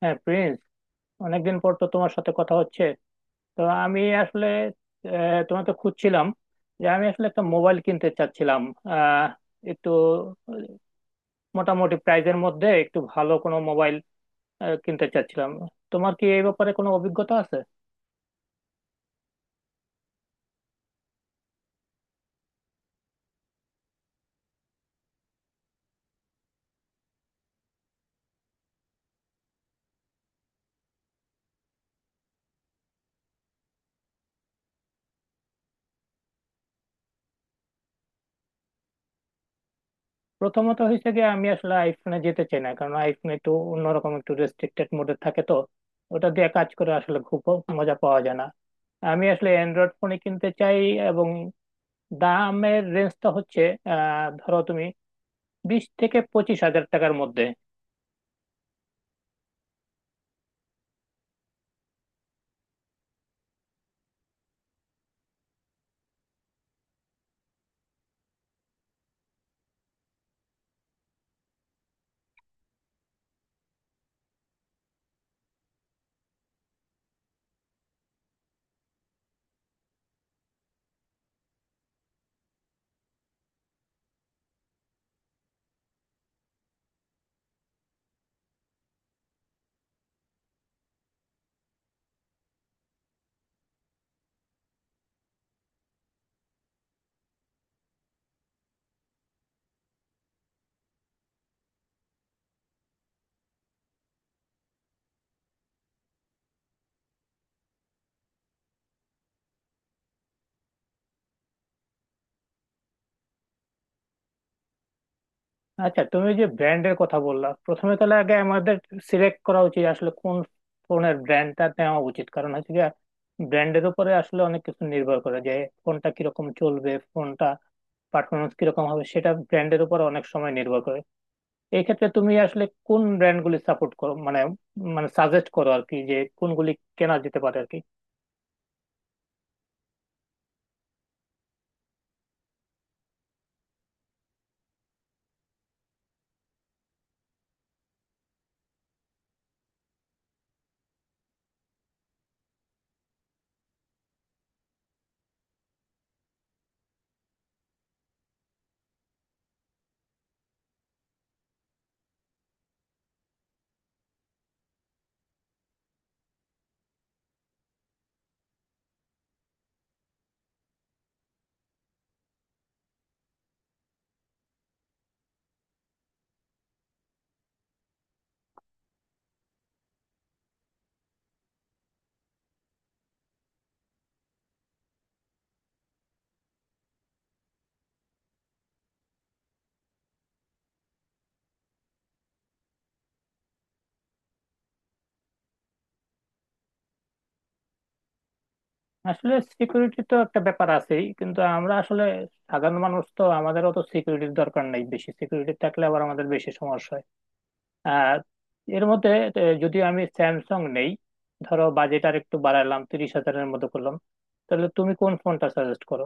হ্যাঁ প্রিন্স, অনেকদিন পর তো তোমার সাথে কথা হচ্ছে। তো আমি আসলে তোমাকে খুঁজছিলাম যে আমি আসলে একটা মোবাইল কিনতে চাচ্ছিলাম। আহ, একটু মোটামুটি প্রাইজের মধ্যে একটু ভালো কোনো মোবাইল কিনতে চাচ্ছিলাম। তোমার কি এই ব্যাপারে কোনো অভিজ্ঞতা আছে? প্রথমত হয়েছে কি, আমি আসলে আইফোনে যেতে চাই না, কারণ আইফোন একটু অন্যরকম, একটু রেস্ট্রিক্টেড মোডে থাকে। তো ওটা দিয়ে কাজ করে আসলে খুব মজা পাওয়া যায় না। আমি আসলে অ্যান্ড্রয়েড ফোনই কিনতে চাই। এবং দামের রেঞ্জটা হচ্ছে ধরো তুমি 20 থেকে 25 হাজার টাকার মধ্যে। আচ্ছা, তুমি যে ব্র্যান্ডের কথা বললা, প্রথমে তাহলে আগে আমাদের সিলেক্ট করা উচিত আসলে কোন ফোনের ব্র্যান্ডটা নেওয়া উচিত, কারণ হচ্ছে যে ব্র্যান্ডের উপরে আসলে অনেক কিছু নির্ভর করে, যে ফোনটা কিরকম চলবে, ফোনটা পারফরমেন্স কিরকম হবে, সেটা ব্র্যান্ডের উপর অনেক সময় নির্ভর করে। এই ক্ষেত্রে তুমি আসলে কোন ব্র্যান্ডগুলি সাপোর্ট করো, মানে মানে সাজেস্ট করো আর কি, যে কোনগুলি কেনা যেতে পারে আর কি। আসলে সিকিউরিটি তো একটা ব্যাপার আছেই, কিন্তু আমরা আসলে সাধারণ মানুষ, তো আমাদের অত সিকিউরিটির দরকার নাই, বেশি সিকিউরিটি থাকলে আবার আমাদের বেশি সমস্যা হয়। আর এর মধ্যে যদি আমি স্যামসাং নেই, ধরো বাজেট আর একটু বাড়ালাম, 30 হাজারের মতো করলাম, তাহলে তুমি কোন ফোনটা সাজেস্ট করো?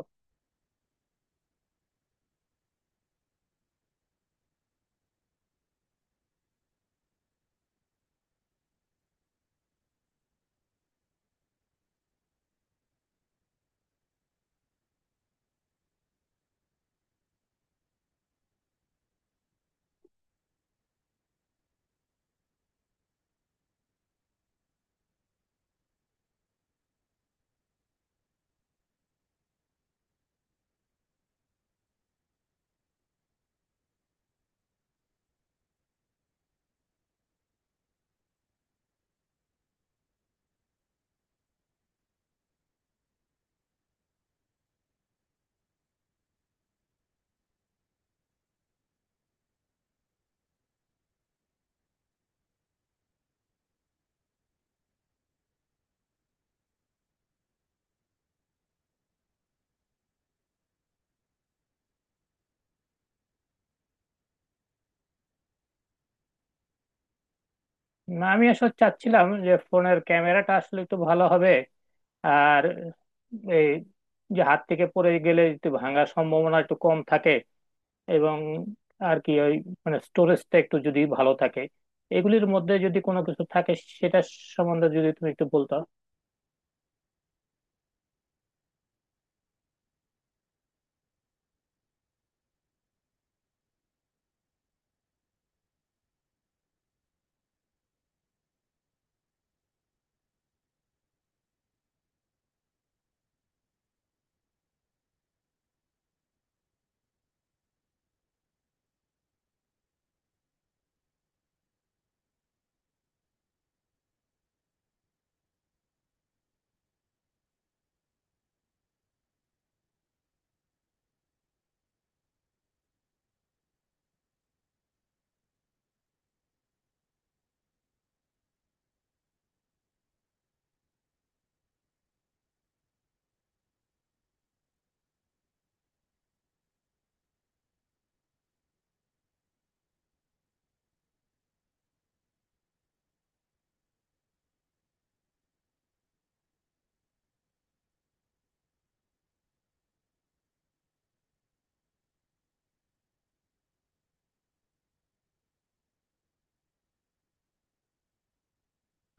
না, আমি আসলে চাচ্ছিলাম যে ফোনের ক্যামেরাটা আসলে একটু ভালো হবে, আর এই যে হাত থেকে পড়ে গেলে একটু ভাঙার সম্ভাবনা একটু কম থাকে, এবং আর কি ওই মানে স্টোরেজটা একটু যদি ভালো থাকে। এগুলির মধ্যে যদি কোনো কিছু থাকে সেটা সম্বন্ধে যদি তুমি একটু বলতো।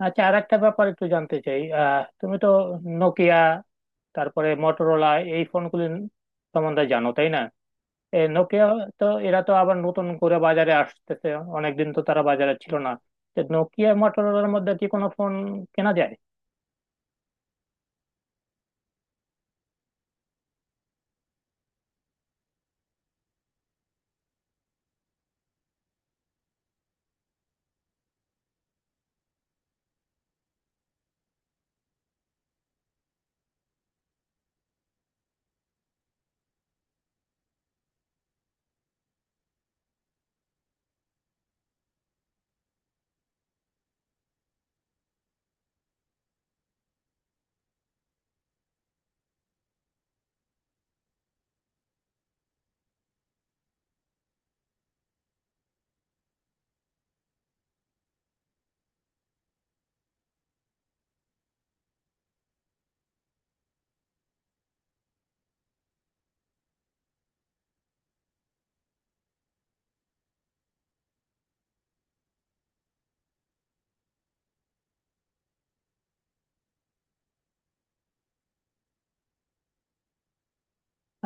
আচ্ছা, আর একটা ব্যাপার একটু জানতে চাই। আহ তুমি তো নোকিয়া, তারপরে মটোরোলা, এই ফোনগুলির সম্বন্ধে জানো তাই না? এই নোকিয়া, তো এরা তো আবার নতুন করে বাজারে আসতেছে, অনেকদিন তো তারা বাজারে ছিল না। তো নোকিয়া মটোরোলার মধ্যে কি কোনো ফোন কেনা যায়?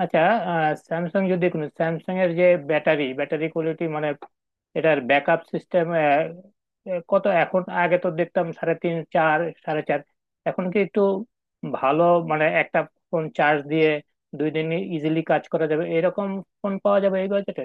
আচ্ছা, স্যামসাং যদি কোনো, স্যামসাং এর যে ব্যাটারি ব্যাটারি কোয়ালিটি, মানে এটার ব্যাকআপ সিস্টেম কত এখন? আগে তো দেখতাম সাড়ে তিন, চার, সাড়ে চার। এখন কি একটু ভালো, মানে একটা ফোন চার্জ দিয়ে 2 দিন ইজিলি কাজ করা যাবে এরকম ফোন পাওয়া যাবে এই বাজেটে?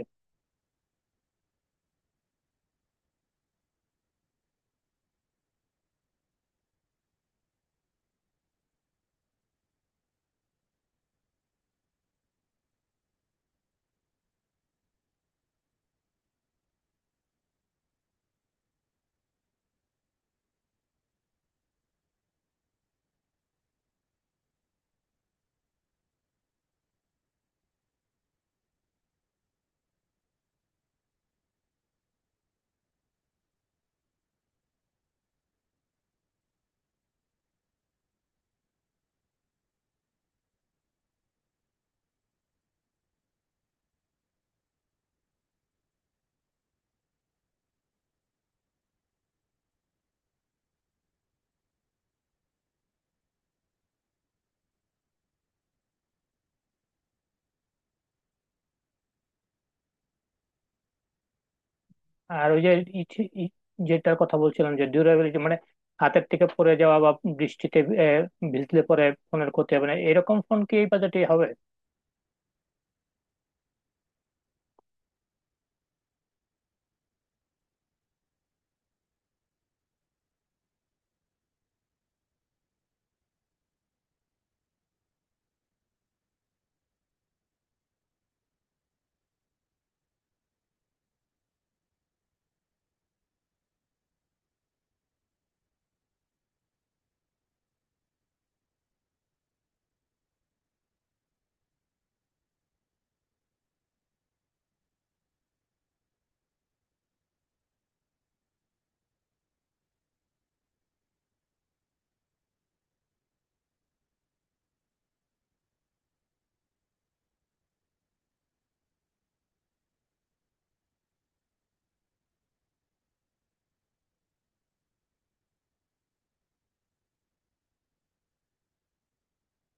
আর ওই যে ইচ- ই- যেটার কথা বলছিলাম, যে ডিউরেবিলিটি, মানে হাতের থেকে পড়ে যাওয়া বা বৃষ্টিতে আহ, ভিজলে পরে ফোনের ক্ষতি হবে না, এরকম ফোন কি এই বাজেটে হবে?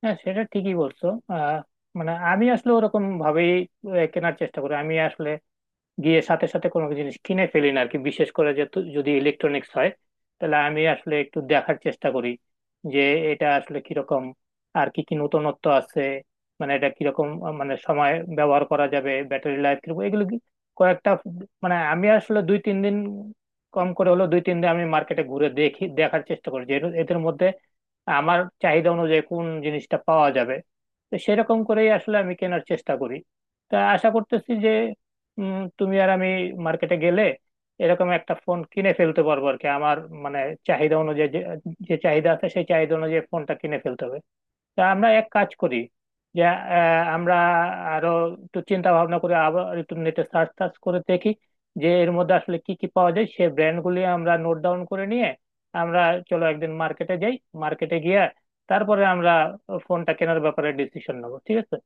হ্যাঁ, সেটা ঠিকই বলছো। আহ মানে আমি আসলে ওরকম ভাবেই কেনার চেষ্টা করি। আমি আসলে গিয়ে সাথে সাথে কোনো জিনিস কিনে ফেলি না আর কি, বিশেষ করে যে যদি ইলেকট্রনিক্স হয়, তাহলে আমি আসলে একটু দেখার চেষ্টা করি যে এটা আসলে কিরকম, আর কি কি নতুনত্ব আছে, মানে এটা কিরকম মানে সময় ব্যবহার করা যাবে, ব্যাটারি লাইফ কিরকম, এগুলো কি কয়েকটা, মানে আমি আসলে 2-3 দিন, কম করে হলো 2-3 দিন আমি মার্কেটে ঘুরে দেখি, দেখার চেষ্টা করি যে এদের মধ্যে আমার চাহিদা অনুযায়ী কোন জিনিসটা পাওয়া যাবে। তো সেরকম করেই আসলে আমি কেনার চেষ্টা করি। তা আশা করতেছি যে তুমি আর আমি মার্কেটে গেলে এরকম একটা ফোন কিনে ফেলতে পারবো আর কি, আমার মানে চাহিদা অনুযায়ী, যে যে চাহিদা আছে সেই চাহিদা অনুযায়ী ফোনটা কিনে ফেলতে হবে। তা আমরা এক কাজ করি, যে আমরা আরো একটু চিন্তা ভাবনা করে আবার একটু নেটে সার্চ টার্চ করে দেখি যে এর মধ্যে আসলে কি কি পাওয়া যায়, সেই ব্র্যান্ডগুলি আমরা নোট ডাউন করে নিয়ে আমরা চলো একদিন মার্কেটে যাই। মার্কেটে গিয়ে তারপরে আমরা ফোনটা কেনার ব্যাপারে ডিসিশন নেবো, ঠিক আছে?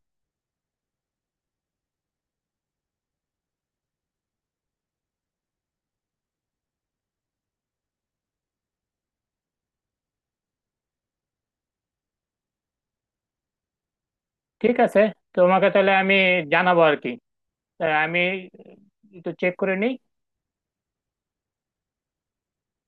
ঠিক আছে, তোমাকে তাহলে আমি জানাবো আর কি। তা আমি তো চেক করে নিই।